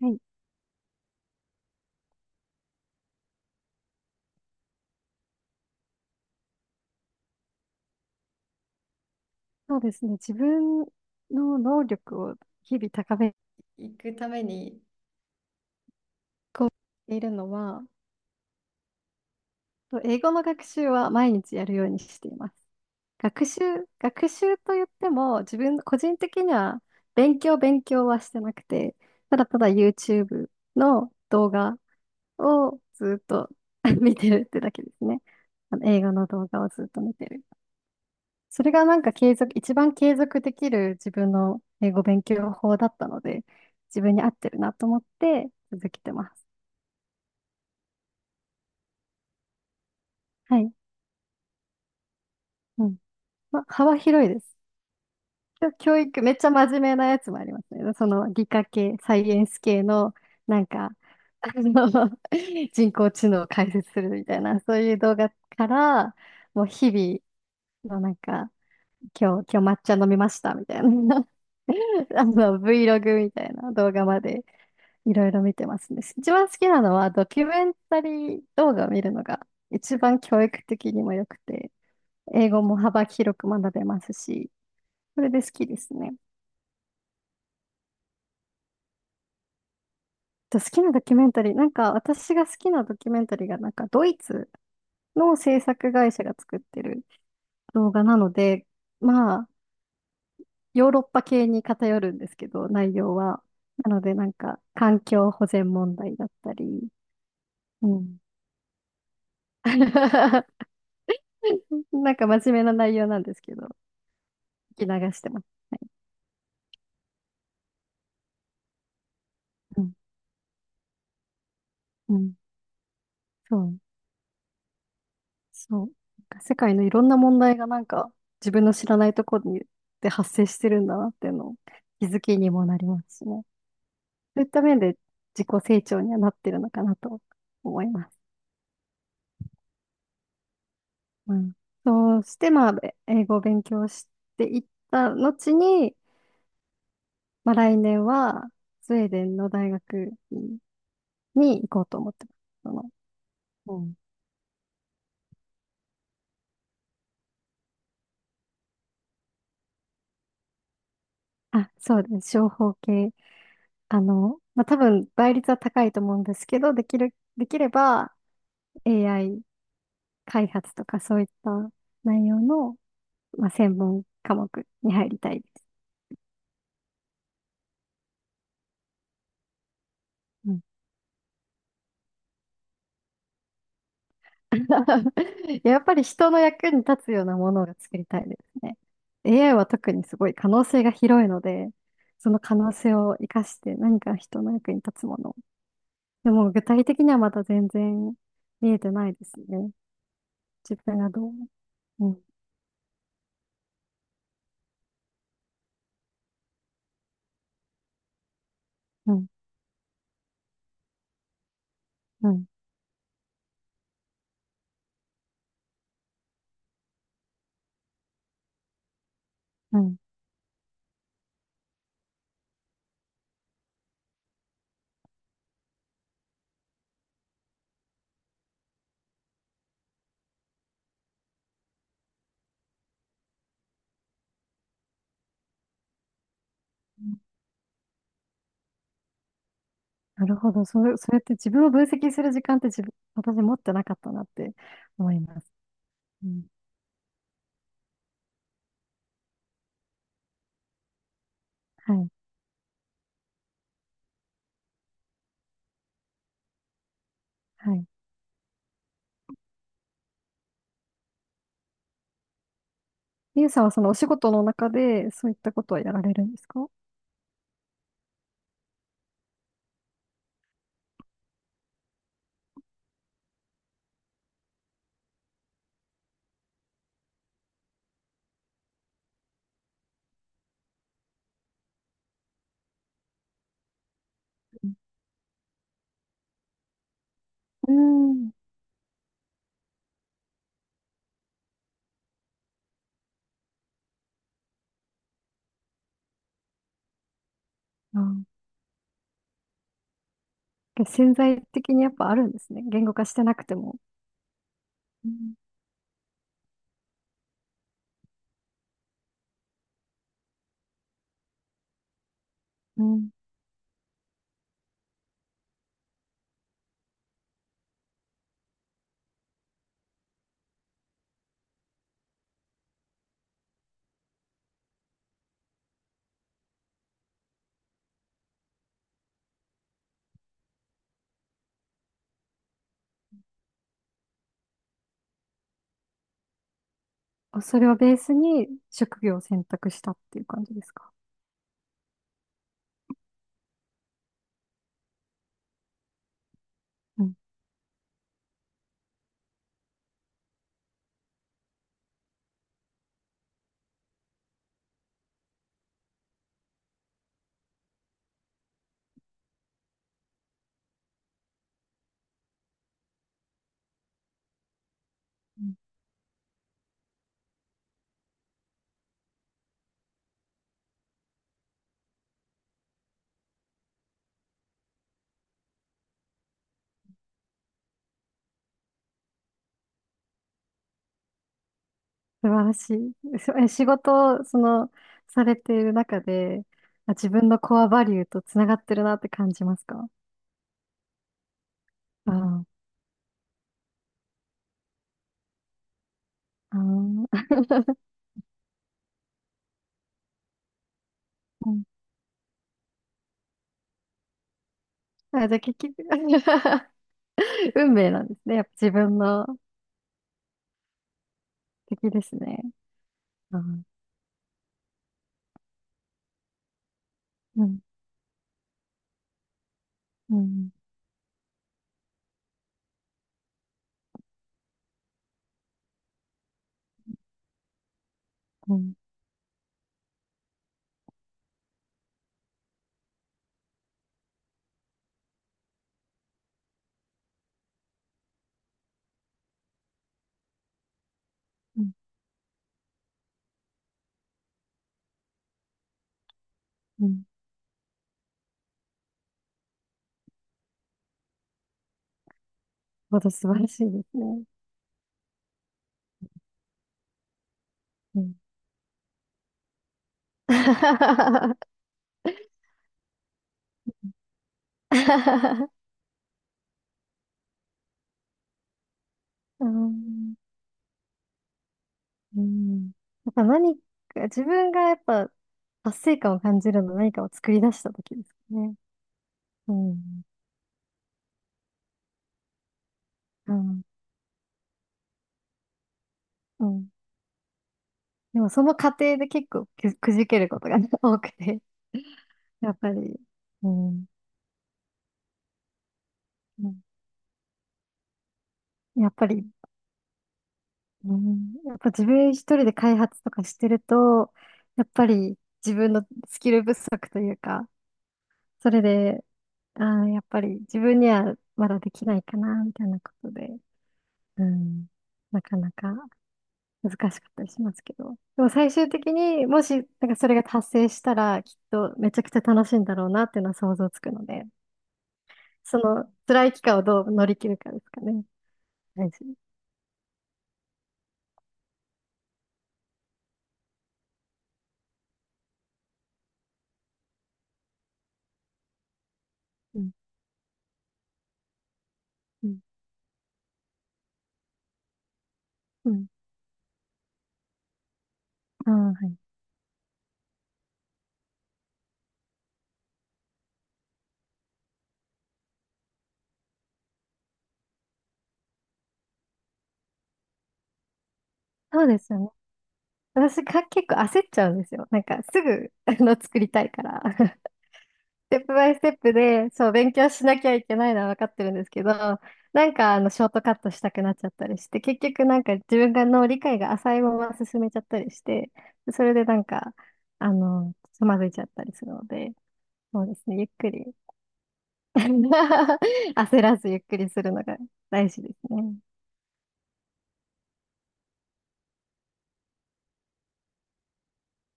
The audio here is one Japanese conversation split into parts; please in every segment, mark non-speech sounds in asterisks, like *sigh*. はい、そうですね。自分の能力を日々高めていくためにいるのは、と英語の学習は毎日やるようにしています。学習、学習と言っても、自分、個人的には勉強はしてなくて、ただただ YouTube の動画をずっと *laughs* 見てるってだけですね。あの映画の動画をずっと見てる。それがなんか継続、一番継続できる自分の英語勉強法だったので、自分に合ってるなと思って続けてます。はい。うん。まあ、幅広いです。教育、めっちゃ真面目なやつもありますね。その理科系、サイエンス系の、なんか、あの、*laughs* 人工知能を解説するみたいな、そういう動画から、もう日々のなんか、今日抹茶飲みましたみたいな、*laughs* Vlog みたいな動画まで。いろいろ見てますね。一番好きなのはドキュメンタリー動画を見るのが一番教育的にも良くて、英語も幅広く学べますし、それで好きですね。と好きなドキュメンタリー、なんか私が好きなドキュメンタリーがなんかドイツの制作会社が作ってる動画なので、まあヨーロッパ系に偏るんですけど、内容は。なのでなんか環境保全問題だったり、うん。*laughs* なんか真面目な内容なんですけど、聞き流してます。はい。うん。うん。そう。そう。なんか世界のいろんな問題がなんか自分の知らないところにで発生してるんだなっていうのを気づきにもなりますしね。そういった面で自己成長にはなってるのかなと思います。うん。そうして、まあ、英語を勉強していった後に、まあ、来年はスウェーデンの大学に行こうと思ってます。その、うん。あ、そうです。情報系まあ、多分倍率は高いと思うんですけど、できれば AI 開発とかそういった内容の、まあ、専門科目に入りたいです。うん。 *laughs* やっぱり人の役に立つようなものが作りたいですね。AI は特にすごい可能性が広いので、その可能性を生かして何か人の役に立つもの。でも具体的にはまだ全然見えてないですね。自分がどう。うん、うん、うん、うん。なるほど。そう、それやって自分を分析する時間って自分、私持ってなかったなって思います。うん。はい。はい。ゆうさんはそのお仕事の中でそういったことはやられるんですか？うん。うん。あ、潜在的にやっぱあるんですね。言語化してなくても。うん。うん。あ、それをベースに職業を選択したっていう感じですか？うん。うん。素晴らしい。そえ、仕事を、その、されている中で、あ、自分のコアバリューとつながってるなって感じますか？ああ。あー。 *laughs* うん。*laughs* あ、じゃあ結局 *laughs* 運命なんですね。やっぱ自分の敵ですね。あー、うん、うん、うん、うん、うん。ほど素晴らしいですね。うん。*laughs* うん。うん。やっぱ何か、自分がやっぱ達成感を感じるのは何かを作り出した時ですね。うん。うん。うん。でもその過程で結構くじけることが *laughs* 多くて、やっぱり。うん。うん。やっぱり、うん、やっぱ自分一人で開発とかしてると、やっぱり自分のスキル不足というか、それで、あー、やっぱり自分にはまだできないかな、みたいなことで、うん、なかなか難しかったりしますけど。でも最終的にもし、なんかそれが達成したら、きっとめちゃくちゃ楽しいんだろうなっていうのは想像つくので、その辛い期間をどう乗り切るかですかね。大事。うん、うん、うん。ああ、はい。そうですよね。私が結構焦っちゃうんですよ。なんかすぐ、*laughs* 作りたいから。*laughs* ステップバイステップで、そう、勉強しなきゃいけないのは分かってるんですけど、なんか、ショートカットしたくなっちゃったりして、結局なんか自分がの理解が浅いまま進めちゃったりして、それでなんか、つまずいちゃったりするので、そうですね、ゆっくり。*laughs* 焦らずゆっくりするのが大事ですね。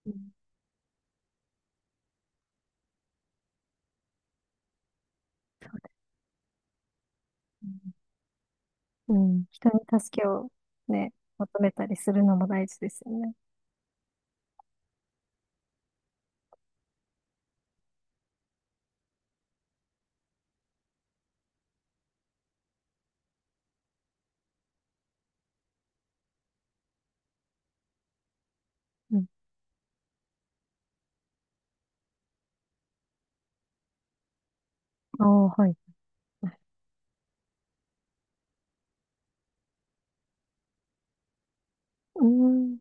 うん。うん、人に助けをね、求めたりするのも大事ですよね。うん。ああ、はい。うーん。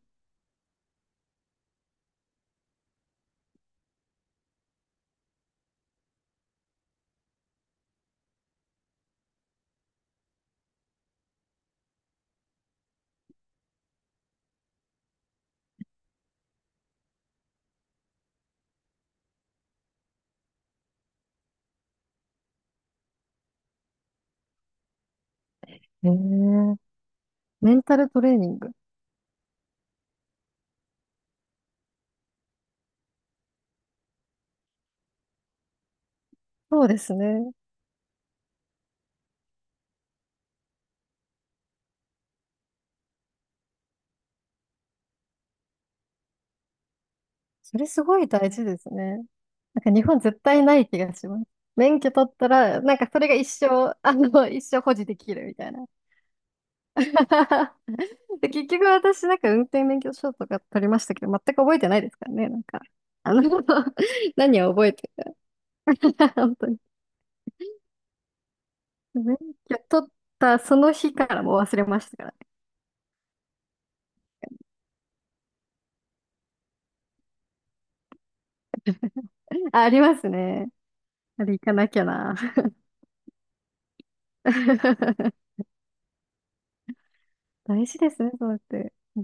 へえ。メンタルトレーニング。そうですね。それすごい大事ですね。なんか日本絶対ない気がします。免許取ったら、なんかそれが一生保持できるみたいな。*laughs* で、結局私なんか運転免許証とか取りましたけど、全く覚えてないですからね。なんか、あの *laughs* 何を覚えて。*laughs* 本当に。免許取ったその日からもう忘れましたから。あ、ありますね。あれ行かなきゃな。*laughs* 大事ですね、そうやって。う